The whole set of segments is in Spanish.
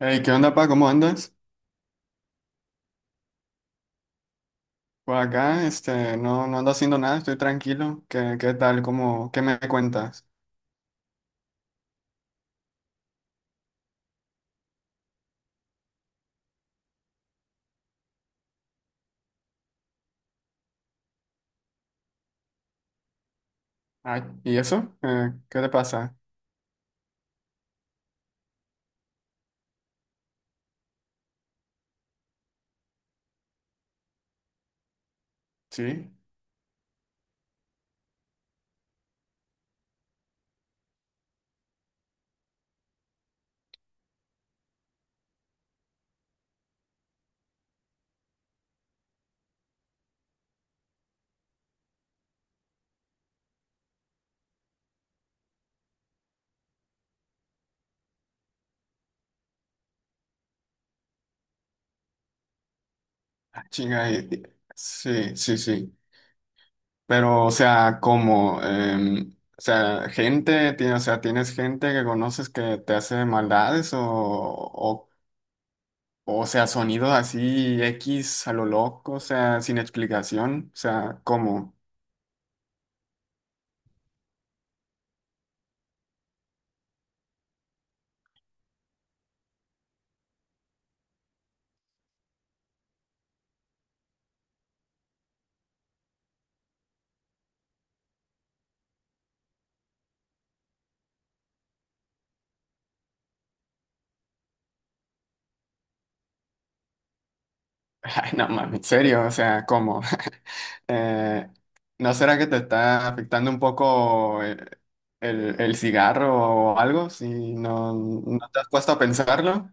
Hey, ¿qué onda, pa? ¿Cómo andas? Pues acá, este, no ando haciendo nada, estoy tranquilo. ¿Qué tal? ¿Qué me cuentas? Ay, ¿y eso? ¿Qué te pasa? ¿Sí? Ah, chinga, sí, sí, sí. Pero, o sea, ¿cómo? O sea, o sea, ¿tienes gente que conoces que te hace maldades o sea, sonidos así X a lo loco, o sea, sin explicación? O sea, ¿cómo? Ay, no mames, en serio, o sea, ¿cómo? Eh, ¿no será que te está afectando un poco el cigarro o algo? Si no te has puesto a pensarlo,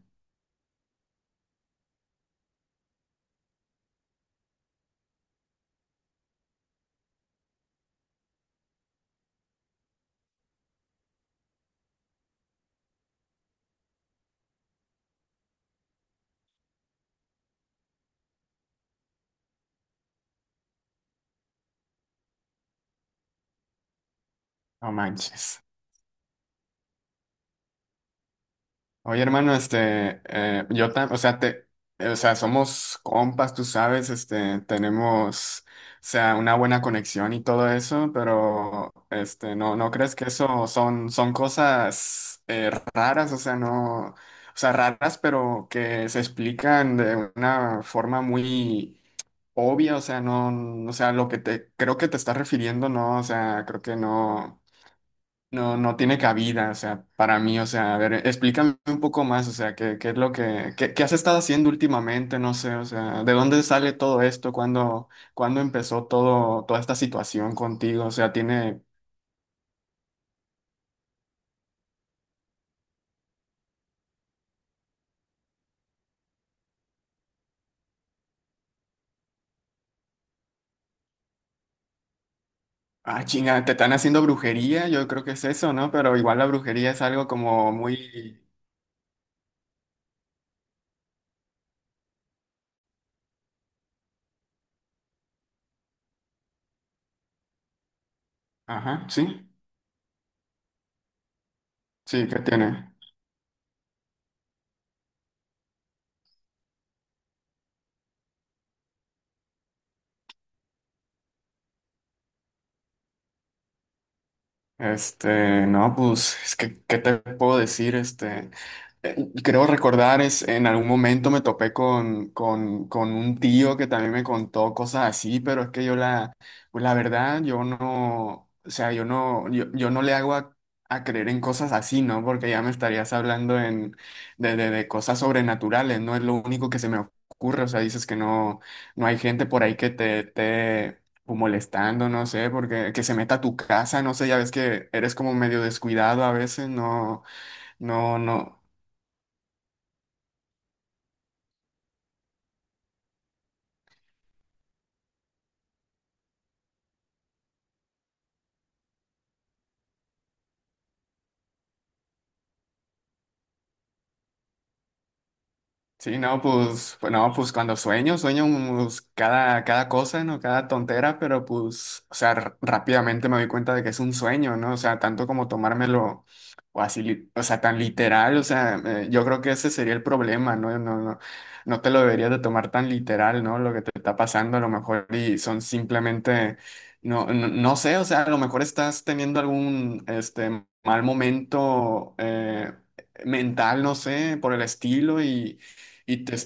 no manches. Oye, hermano, este, o sea, o sea, somos compas, tú sabes, este, tenemos, o sea, una buena conexión y todo eso, pero, este, no crees que eso son cosas raras, o sea, no, o sea, raras, pero que se explican de una forma muy obvia, o sea, no, o sea, creo que te estás refiriendo, no, o sea, creo que no. No tiene cabida, o sea, para mí, o sea, a ver, explícame un poco más, o sea, qué es lo que, qué has estado haciendo últimamente, no sé, o sea, ¿de dónde sale todo esto? ¿Cuándo empezó toda esta situación contigo? Ah, chinga, te están haciendo brujería, yo creo que es eso, ¿no? Pero igual la brujería es algo como muy, ajá, sí, sí, ¿qué tiene? Este, no, pues, es que, ¿qué te puedo decir? Este, eh, creo recordar, es, en algún momento me topé con, con un tío que también me contó cosas así, pero es que pues la verdad, yo no, o sea, yo no, yo no le hago a creer en cosas así, ¿no? Porque ya me estarías hablando en, de cosas sobrenaturales, no es lo único que se me ocurre, o sea, dices que no, hay gente por ahí que te, esté o molestando, no sé, porque que se meta a tu casa, no sé, ya ves que eres como medio descuidado a veces, no, no, no. Sí, no, pues, no, pues cuando sueño, sueño pues, cada cosa, ¿no? Cada tontera, pero pues, o sea, rápidamente me doy cuenta de que es un sueño, ¿no? O sea, tanto como tomármelo o así, o sea, tan literal, o sea, yo creo que ese sería el problema, ¿no? No te lo deberías de tomar tan literal, ¿no? Lo que te está pasando a lo mejor y son simplemente, no sé, o sea, a lo mejor estás teniendo algún, este, mal momento, mental, no sé, por el estilo y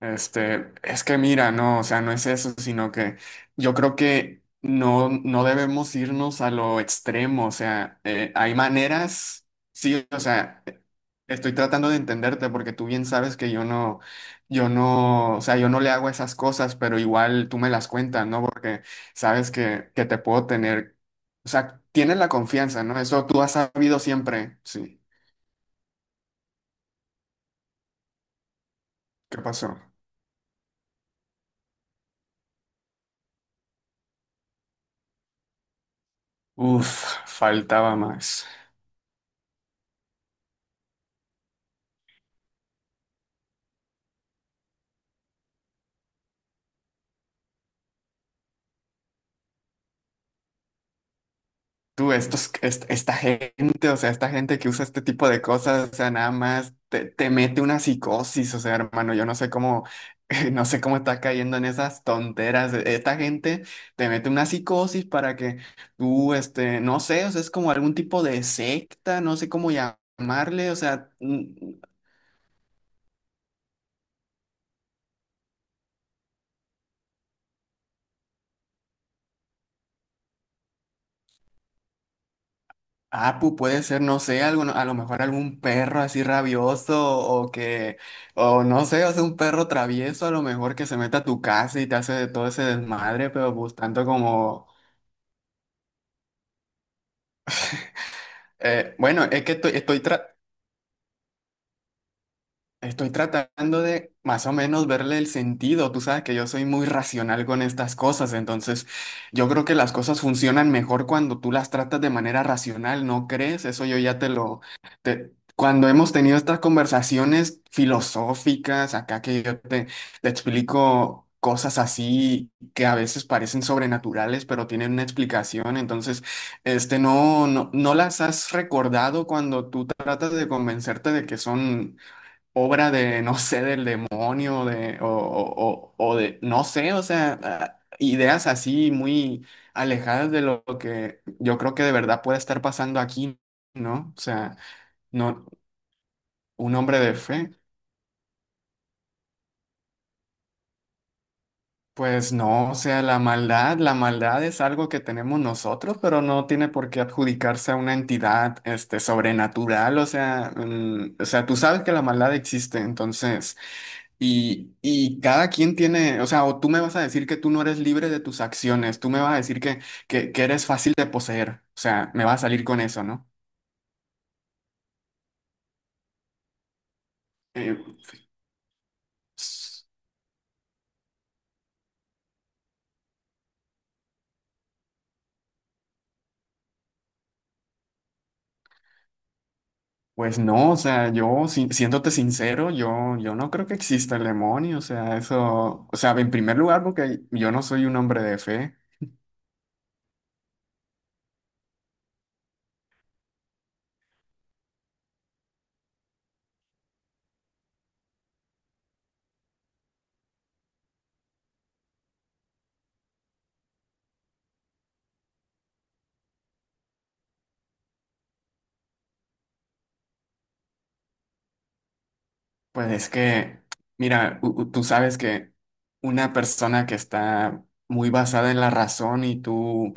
este, es que mira, no, o sea, no es eso, sino que yo creo que no debemos irnos a lo extremo, o sea, hay maneras, sí, o sea, estoy tratando de entenderte porque tú bien sabes que yo no, o sea, yo no le hago esas cosas, pero igual tú me las cuentas, ¿no? Porque sabes que te puedo tener, o sea, tienes la confianza, ¿no? Eso tú has sabido siempre, sí. ¿Qué pasó? Uf, faltaba más. Esta gente, o sea, esta gente que usa este tipo de cosas, o sea, nada más te mete una psicosis, o sea, hermano, yo no sé cómo, no sé cómo estás cayendo en esas tonteras. Esta gente te mete una psicosis para que tú, este, no sé, o sea, es como algún tipo de secta, no sé cómo llamarle, o sea, ah, puede ser, no sé, algún, a lo mejor algún perro así rabioso o que, o no sé, o sea, un perro travieso a lo mejor que se meta a tu casa y te hace de todo ese desmadre, pero pues tanto como, bueno, es que estoy, estoy tratando de más o menos verle el sentido. Tú sabes que yo soy muy racional con estas cosas, entonces yo creo que las cosas funcionan mejor cuando tú las tratas de manera racional, ¿no crees? Eso yo ya te lo... Cuando hemos tenido estas conversaciones filosóficas, acá que yo te explico cosas así que a veces parecen sobrenaturales, pero tienen una explicación, entonces este, no las has recordado cuando tú tratas de convencerte de que son obra de, no sé, del demonio de, o de, no sé, o sea, ah, ideas así muy alejadas de lo que yo creo que de verdad puede estar pasando aquí, ¿no? O sea, no, un hombre de fe, pues no, o sea, la maldad es algo que tenemos nosotros, pero no tiene por qué adjudicarse a una entidad, este, sobrenatural, o sea, mm, o sea, tú sabes que la maldad existe, entonces... Y, y cada quien tiene, o sea, o tú me vas a decir que tú no eres libre de tus acciones, tú me vas a decir que, que eres fácil de poseer, o sea, me vas a salir con eso, ¿no? Eh, s- pues no, o sea, yo, siéndote sincero, yo no creo que exista el demonio, o sea, eso, o sea, en primer lugar, porque yo no soy un hombre de fe, pues es que, mira, tú sabes que una persona que está muy basada en la razón y tú...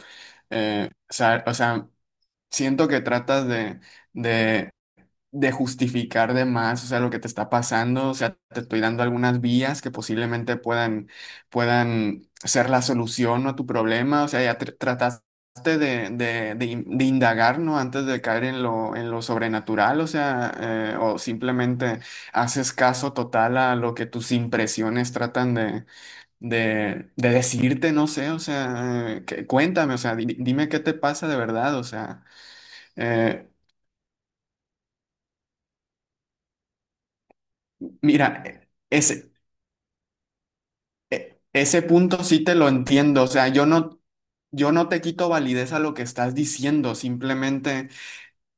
O sea, siento que tratas de, de, de justificar de más, o sea, lo que te está pasando, o sea, te estoy dando algunas vías que posiblemente puedan ser la solución a tu problema, o sea, ya trataste de, de indagar, ¿no? Antes de caer en lo sobrenatural, o sea, o simplemente haces caso total a lo que tus impresiones tratan de, de decirte, no sé, o sea, cuéntame, o sea, dime qué te pasa de verdad, o sea. Eh, Mira, ese punto sí te lo entiendo. O sea, yo no te quito validez a lo que estás diciendo, simplemente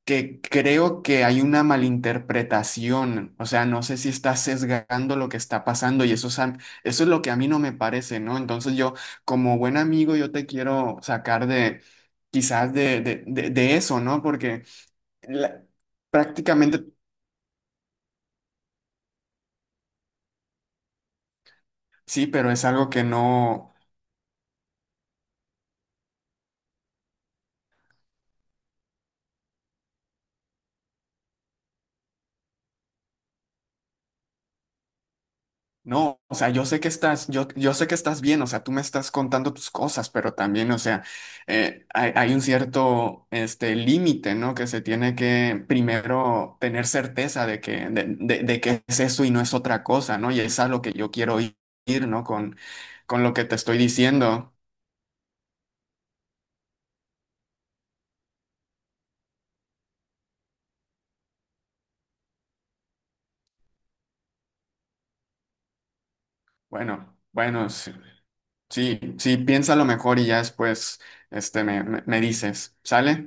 que creo que hay una malinterpretación. O sea, no sé si estás sesgando lo que está pasando y eso es, eso es lo que a mí no me parece, ¿no? Entonces yo, como buen amigo, yo te quiero sacar de quizás de, de eso, ¿no? Porque la- prácticamente sí, pero es algo que no. No, o sea, yo, yo sé que estás bien, o sea, tú me estás contando tus cosas, pero también, o sea, hay un cierto, este, límite, ¿no? Que se tiene que primero tener certeza de que, de, de que es eso y no es otra cosa, ¿no? Y es a lo que yo quiero ir, ¿no? Con lo que te estoy diciendo. Bueno, bueno, sí, sí, sí, piénsalo mejor y ya después, este, me dices, ¿sale?